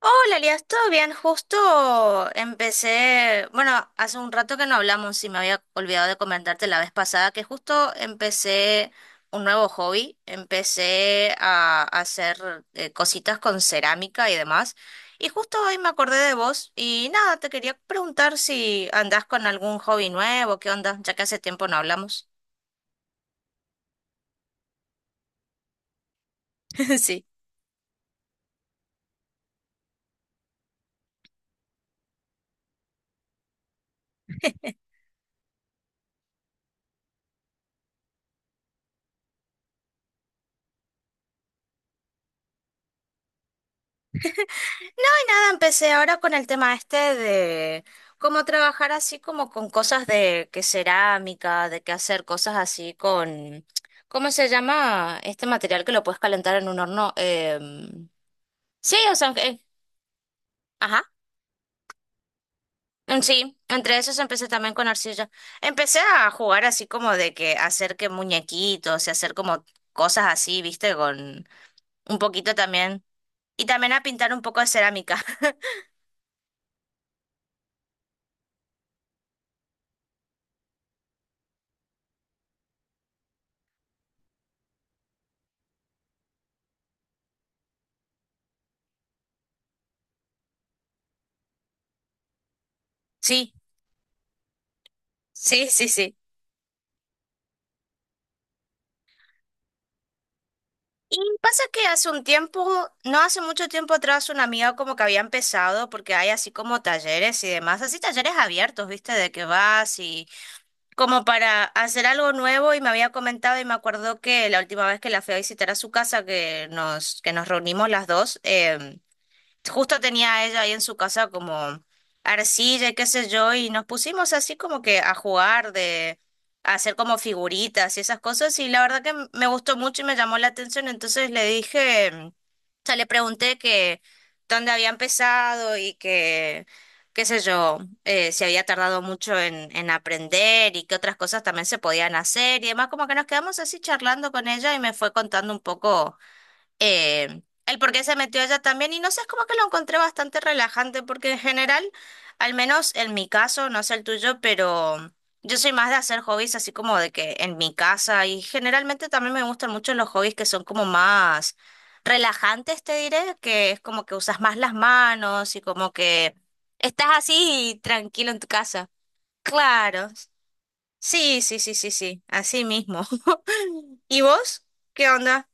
Hola, Elias, ¿todo bien? Justo empecé, bueno, hace un rato que no hablamos y me había olvidado de comentarte la vez pasada que justo empecé un nuevo hobby, empecé a hacer cositas con cerámica y demás. Y justo hoy me acordé de vos y nada, te quería preguntar si andás con algún hobby nuevo, ¿qué onda? Ya que hace tiempo no hablamos. Sí. Nada, empecé ahora con el tema este de cómo trabajar así como con cosas de que cerámica, de que hacer cosas así con, ¿cómo se llama? Este material que lo puedes calentar en un horno. Sí, o sea, ajá. Sí, entre esos empecé también con arcilla. Empecé a jugar así como de que hacer que muñequitos y hacer como cosas así, ¿viste? Con un poquito también. Y también a pintar un poco de cerámica. Sí, sí, sí, sí. Y pasa que hace un tiempo, no hace mucho tiempo atrás, una amiga como que había empezado, porque hay así como talleres y demás, así talleres abiertos, ¿viste? De que vas y como para hacer algo nuevo y me había comentado y me acuerdo que la última vez que la fui a visitar a su casa, que nos reunimos las dos, justo tenía ella ahí en su casa como arcilla y qué sé yo, y nos pusimos así como que a jugar, de a hacer como figuritas y esas cosas, y la verdad que me gustó mucho y me llamó la atención, entonces le dije, o sea, le pregunté que dónde había empezado y que, qué sé yo, si había tardado mucho en aprender y qué otras cosas también se podían hacer y demás, como que nos quedamos así charlando con ella y me fue contando un poco el por qué se metió ella también. Y no sé, es como que lo encontré bastante relajante, porque en general, al menos en mi caso, no sé el tuyo, pero yo soy más de hacer hobbies así como de que en mi casa. Y generalmente también me gustan mucho los hobbies que son como más relajantes, te diré, que es como que usas más las manos y como que estás así tranquilo en tu casa. Claro. Sí, sí, sí, sí, sí, así mismo. ¿Y vos? ¿Qué onda?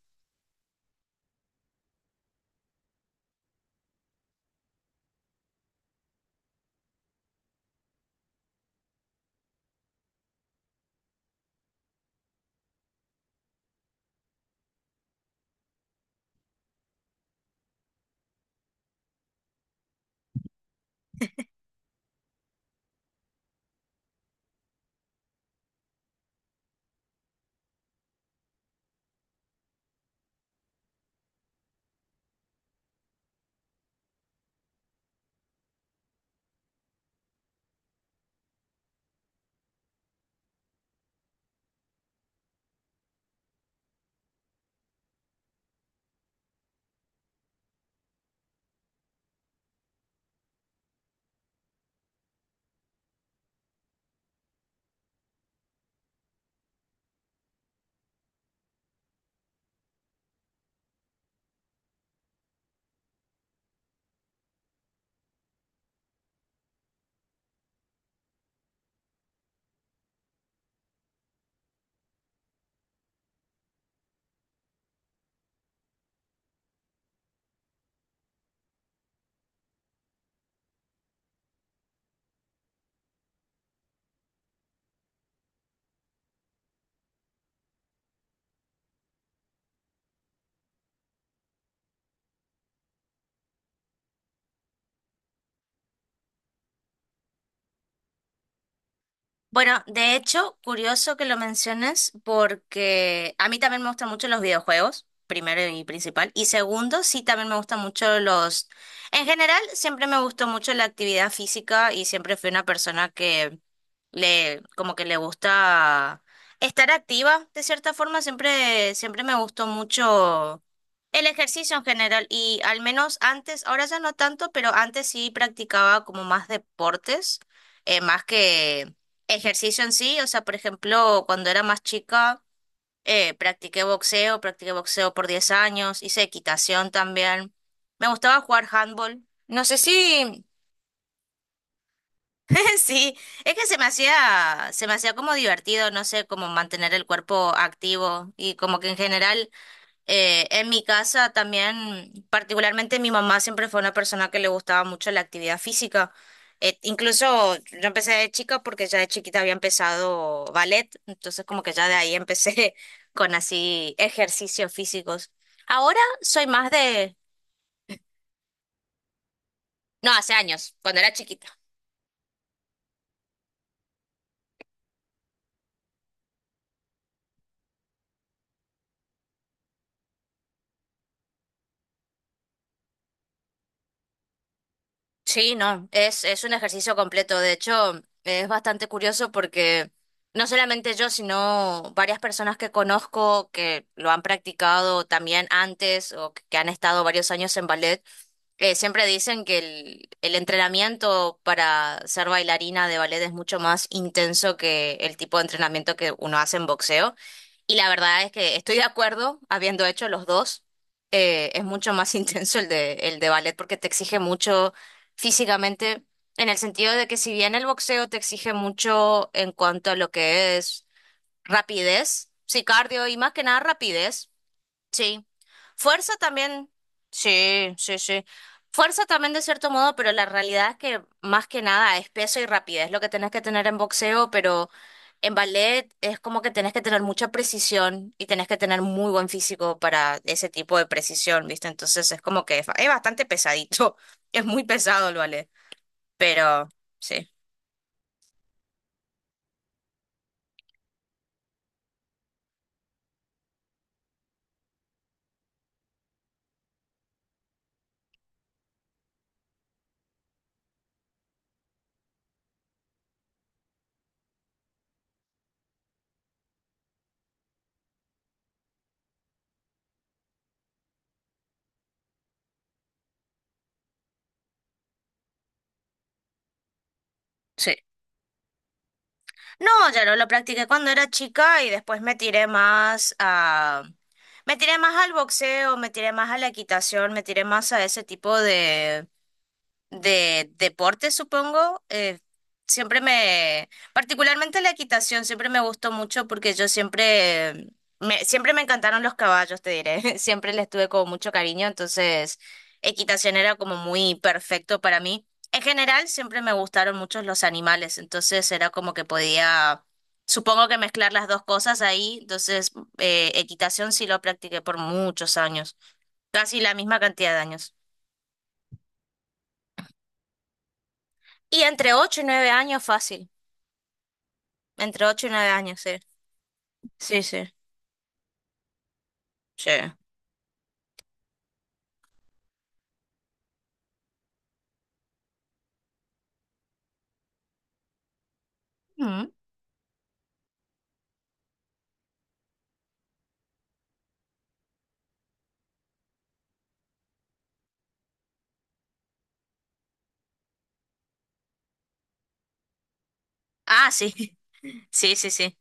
Bueno, de hecho, curioso que lo menciones porque a mí también me gustan mucho los videojuegos, primero y principal. Y segundo, sí, también me gustan mucho los... En general, siempre me gustó mucho la actividad física y siempre fui una persona que como que le gusta estar activa, de cierta forma. Siempre, siempre me gustó mucho el ejercicio en general y al menos antes, ahora ya no tanto, pero antes sí practicaba como más deportes, más que ejercicio en sí, o sea, por ejemplo, cuando era más chica, practiqué boxeo por 10 años, hice equitación también. Me gustaba jugar handball. No sé si, sí, es que se me hacía como divertido, no sé, como mantener el cuerpo activo y como que en general en mi casa también, particularmente mi mamá siempre fue una persona que le gustaba mucho la actividad física. Incluso yo empecé de chica porque ya de chiquita había empezado ballet, entonces como que ya de ahí empecé con así ejercicios físicos. Ahora soy más de, no, hace años, cuando era chiquita. Sí, no, es un ejercicio completo. De hecho, es bastante curioso porque no solamente yo, sino varias personas que conozco que lo han practicado también antes o que han estado varios años en ballet, siempre dicen que el entrenamiento para ser bailarina de ballet es mucho más intenso que el tipo de entrenamiento que uno hace en boxeo. Y la verdad es que estoy de acuerdo, habiendo hecho los dos, es mucho más intenso el de ballet porque te exige mucho físicamente, en el sentido de que si bien el boxeo te exige mucho en cuanto a lo que es rapidez, sí, cardio y más que nada rapidez, sí. Fuerza también, sí, sí, sí. Fuerza también de cierto modo, pero la realidad es que más que nada es peso y rapidez lo que tenés que tener en boxeo, pero en ballet es como que tenés que tener mucha precisión y tenés que tener muy buen físico para ese tipo de precisión, ¿viste? Entonces es como que es bastante pesadito, es muy pesado el ballet. Pero sí, sí. No, ya no lo practiqué cuando era chica y después me tiré más a... Me tiré más al boxeo, me tiré más a la equitación, me tiré más a ese tipo de deporte, supongo, siempre me, particularmente la equitación, siempre me gustó mucho porque yo siempre, siempre me encantaron los caballos, te diré, siempre les tuve como mucho cariño, entonces equitación era como muy perfecto para mí. En general, siempre me gustaron mucho los animales, entonces era como que podía, supongo que mezclar las dos cosas ahí, entonces equitación sí lo practiqué por muchos años, casi la misma cantidad de años. Y entre 8 y 9 años fácil. Entre 8 y 9 años, sí. Sí, sí, sí. Mm. Ah, sí, sí, sí, sí.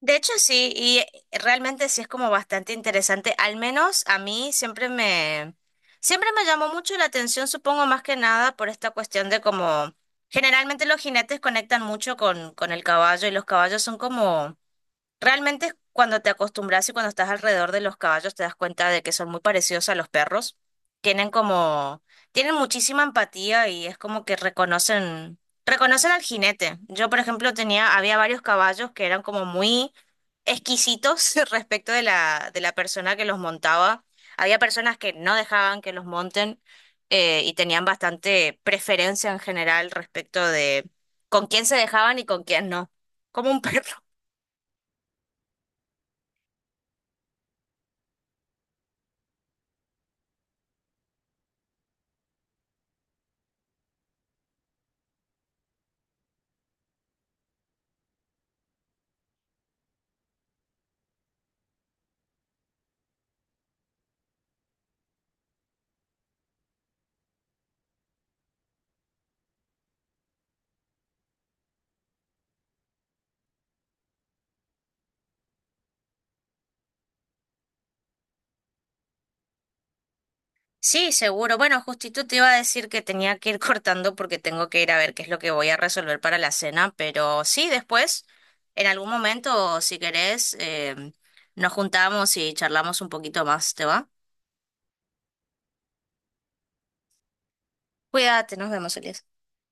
De hecho, sí, y realmente sí es como bastante interesante. Al menos a mí siempre me llamó mucho la atención, supongo más que nada por esta cuestión de como, generalmente los jinetes conectan mucho con el caballo y los caballos son como realmente cuando te acostumbras y cuando estás alrededor de los caballos te das cuenta de que son muy parecidos a los perros. Tienen como, tienen muchísima empatía y es como que reconocen, reconocen al jinete. Yo, por ejemplo, tenía, había varios caballos que eran como muy exquisitos respecto de de la persona que los montaba. Había personas que no dejaban que los monten y tenían bastante preferencia en general respecto de con quién se dejaban y con quién no. Como un perro. Sí, seguro. Bueno, justito te iba a decir que tenía que ir cortando porque tengo que ir a ver qué es lo que voy a resolver para la cena, pero sí, después, en algún momento, si querés, nos juntamos y charlamos un poquito más, ¿te va? Cuídate, nos vemos, Elías.